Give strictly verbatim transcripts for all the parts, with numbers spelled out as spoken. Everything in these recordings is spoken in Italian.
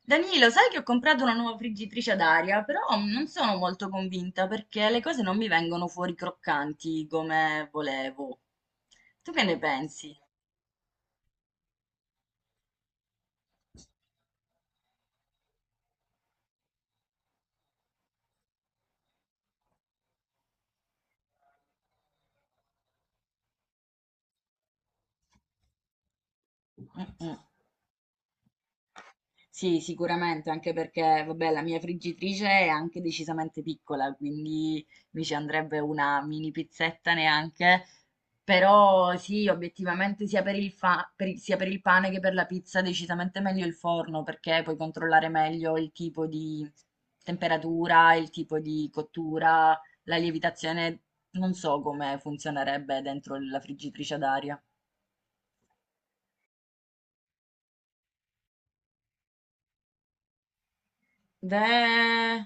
Danilo, sai che ho comprato una nuova friggitrice ad aria, però non sono molto convinta perché le cose non mi vengono fuori croccanti come volevo. Tu che ne pensi? Mm, mm. Sì, sicuramente, anche perché, vabbè, la mia friggitrice è anche decisamente piccola, quindi mi ci andrebbe una mini pizzetta neanche. Però sì, obiettivamente sia per il fa- per il- sia per il pane che per la pizza decisamente meglio il forno, perché puoi controllare meglio il tipo di temperatura, il tipo di cottura, la lievitazione, non so come funzionerebbe dentro la friggitrice ad aria. Beh,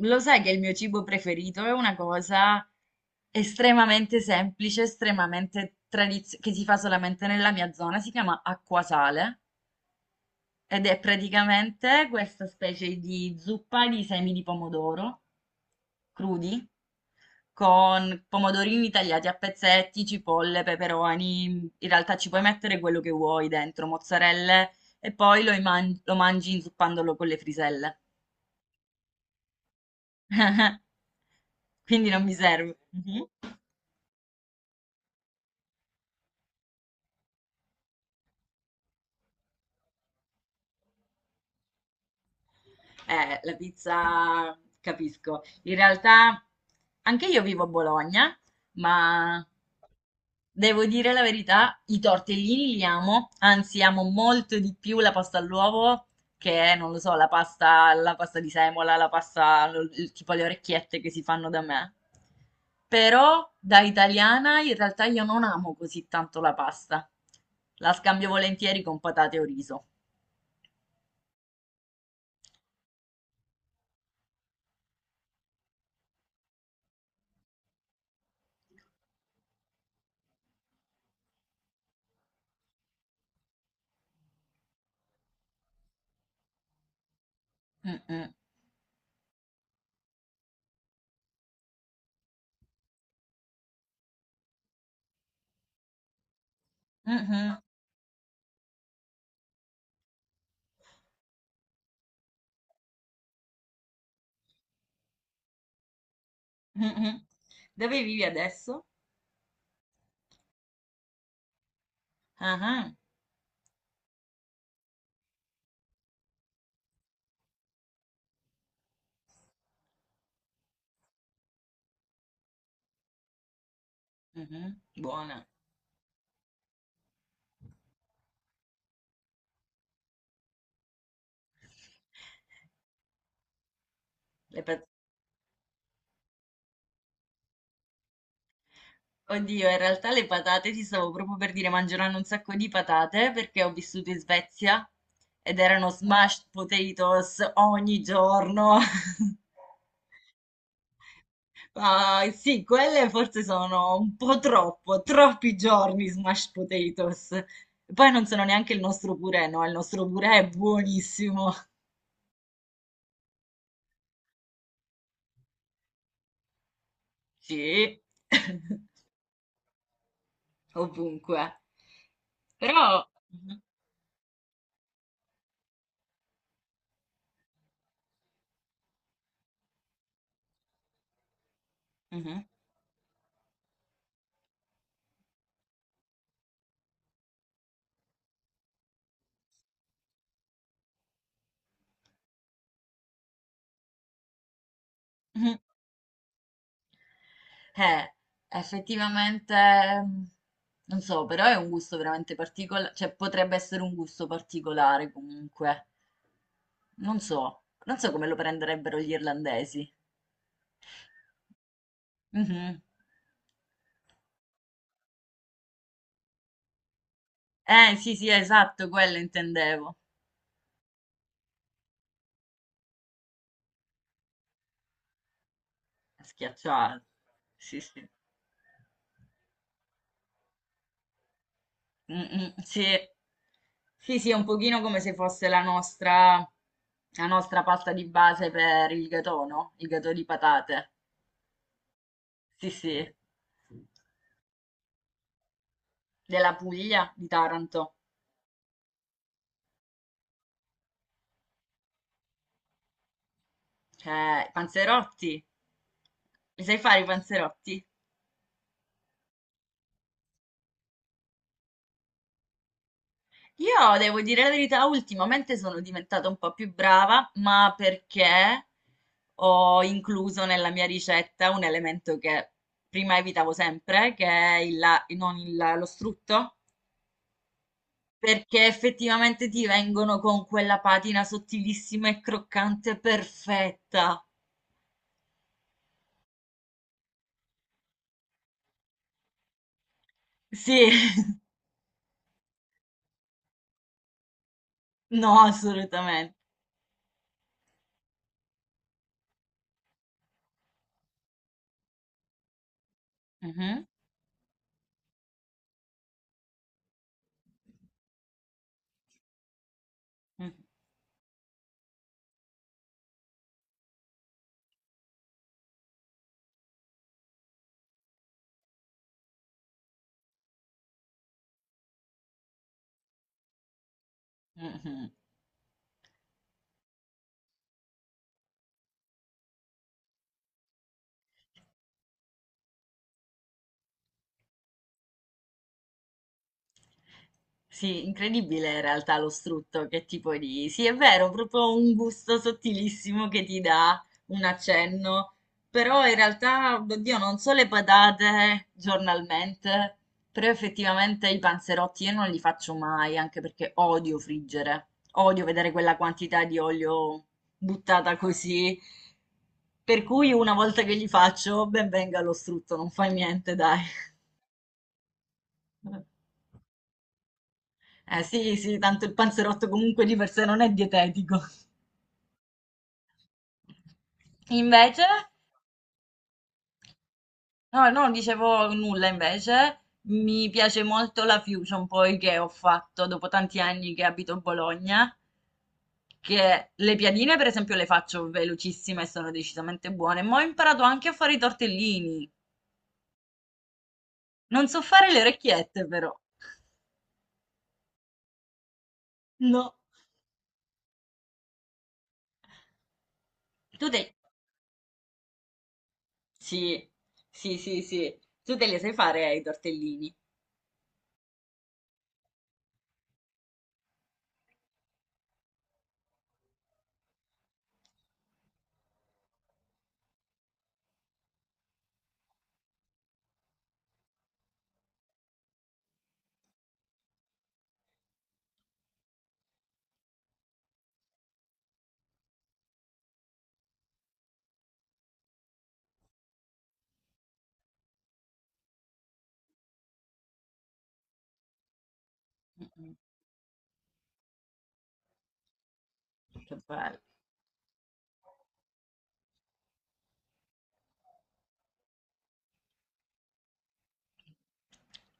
lo sai che il mio cibo preferito è una cosa estremamente semplice, estremamente tradizionale, che si fa solamente nella mia zona, si chiama acquasale ed è praticamente questa specie di zuppa di semi di pomodoro crudi, con pomodorini tagliati a pezzetti, cipolle, peperoni, in realtà ci puoi mettere quello che vuoi dentro, mozzarelle, e poi lo, iman- lo mangi inzuppandolo con le friselle. Quindi non mi serve. Mh-mh. Eh, la pizza capisco. In realtà anche io vivo a Bologna, ma devo dire la verità, i tortellini li amo, anzi amo molto di più la pasta all'uovo che, non lo so, la pasta, la pasta di semola, la pasta, lo- il- tipo le orecchiette che si fanno da me. Però da italiana in realtà io non amo così tanto la pasta. La scambio volentieri con patate o riso. Mm, mm. Mh-mh, mh-mh. Dove vivi adesso? Ah-ah, mh-mh, buona. Le pa oddio, in realtà le patate ti stavo proprio per dire, mangeranno un sacco di patate perché ho vissuto in Svezia ed erano smashed potatoes ogni giorno. Ma sì, quelle forse sono un po' troppo, troppi giorni smashed potatoes. Poi non sono neanche il nostro purè, no, il nostro purè è buonissimo. Sì. Ovunque. Però, mhm, mhm, mhm. Eh, Effettivamente, mm, non so, però è un gusto veramente particolare, cioè potrebbe essere un gusto particolare comunque. Non so, non so come lo prenderebbero gli irlandesi. Mhm. Eh, sì, sì, esatto, quello intendevo. Schiacciato. Sì, sì. Mm, mm, sì. Sì, sì, è un pochino come se fosse la nostra, la nostra pasta di base per il gatò, no? Il gatò di patate. Sì, sì, della Puglia, di Taranto. Eh, i panzerotti. Mi sai fare i panzerotti? Io devo dire la verità, ultimamente sono diventata un po' più brava, ma perché ho incluso nella mia ricetta un elemento che prima evitavo sempre, che è il, la- non il- lo strutto. Perché effettivamente ti vengono con quella patina sottilissima e croccante perfetta. Sì, no, assolutamente. Mhm, mhm, mhm. Sì, incredibile in realtà lo strutto, che tipo di... Sì, è vero, proprio un gusto sottilissimo che ti dà un accenno, però in realtà, oddio, non so le patate giornalmente, però effettivamente i panzerotti io non li faccio mai, anche perché odio friggere, odio vedere quella quantità di olio buttata così, per cui una volta che li faccio, ben venga lo strutto, non fa niente, dai. Eh sì, sì, tanto il panzerotto comunque di per sé non è dietetico. Invece, no, no, non dicevo nulla invece, mi piace molto la fusion poi che ho fatto dopo tanti anni che abito a Bologna, che le piadine per esempio le faccio velocissime e sono decisamente buone, ma ho imparato anche a fare i tortellini. Non so fare le orecchiette però. No. Tu te... Sì, sì, sì, sì. Tu te le sai fare eh, i tortellini. Mm, che bello.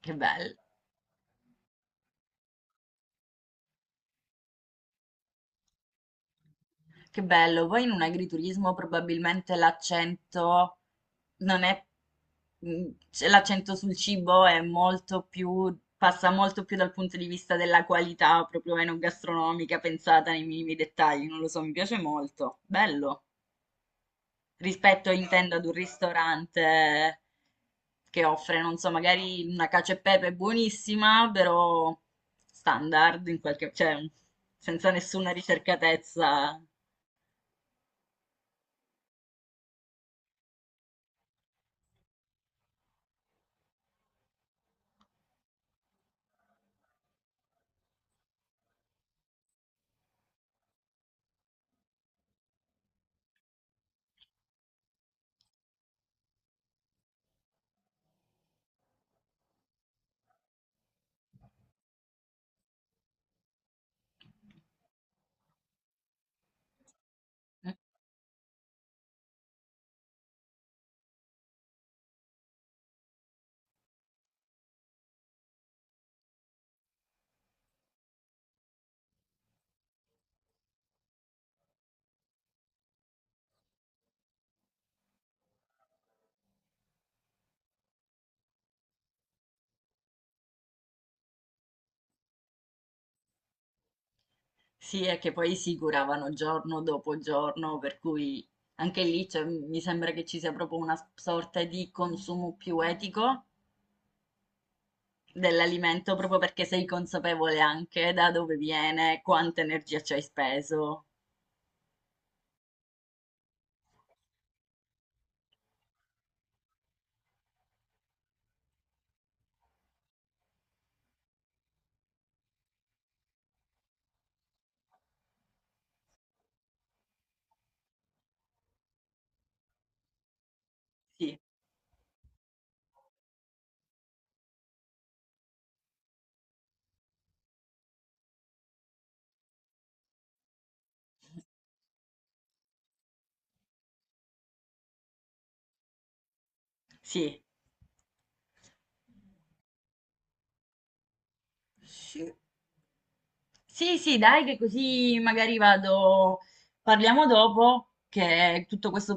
Che bello, che bello. Poi in un agriturismo probabilmente l'accento non è, mh, cioè, l'accento sul cibo è molto più, passa molto più dal punto di vista della qualità proprio enogastronomica, pensata nei minimi dettagli, non lo so, mi piace molto. Bello. Rispetto, intendo, ad un ristorante che offre, non so, magari una cacio e pepe buonissima, però standard in qualche, cioè senza nessuna ricercatezza. Sì, è che poi si curavano giorno dopo giorno, per cui anche lì c'è- mi sembra che ci sia proprio una sorta di consumo più etico dell'alimento, proprio perché sei consapevole anche da dove viene, quanta energia ci hai speso. Sì, sì. Sì. Sì, sì, dai, che così magari vado, parliamo dopo, che tutto questo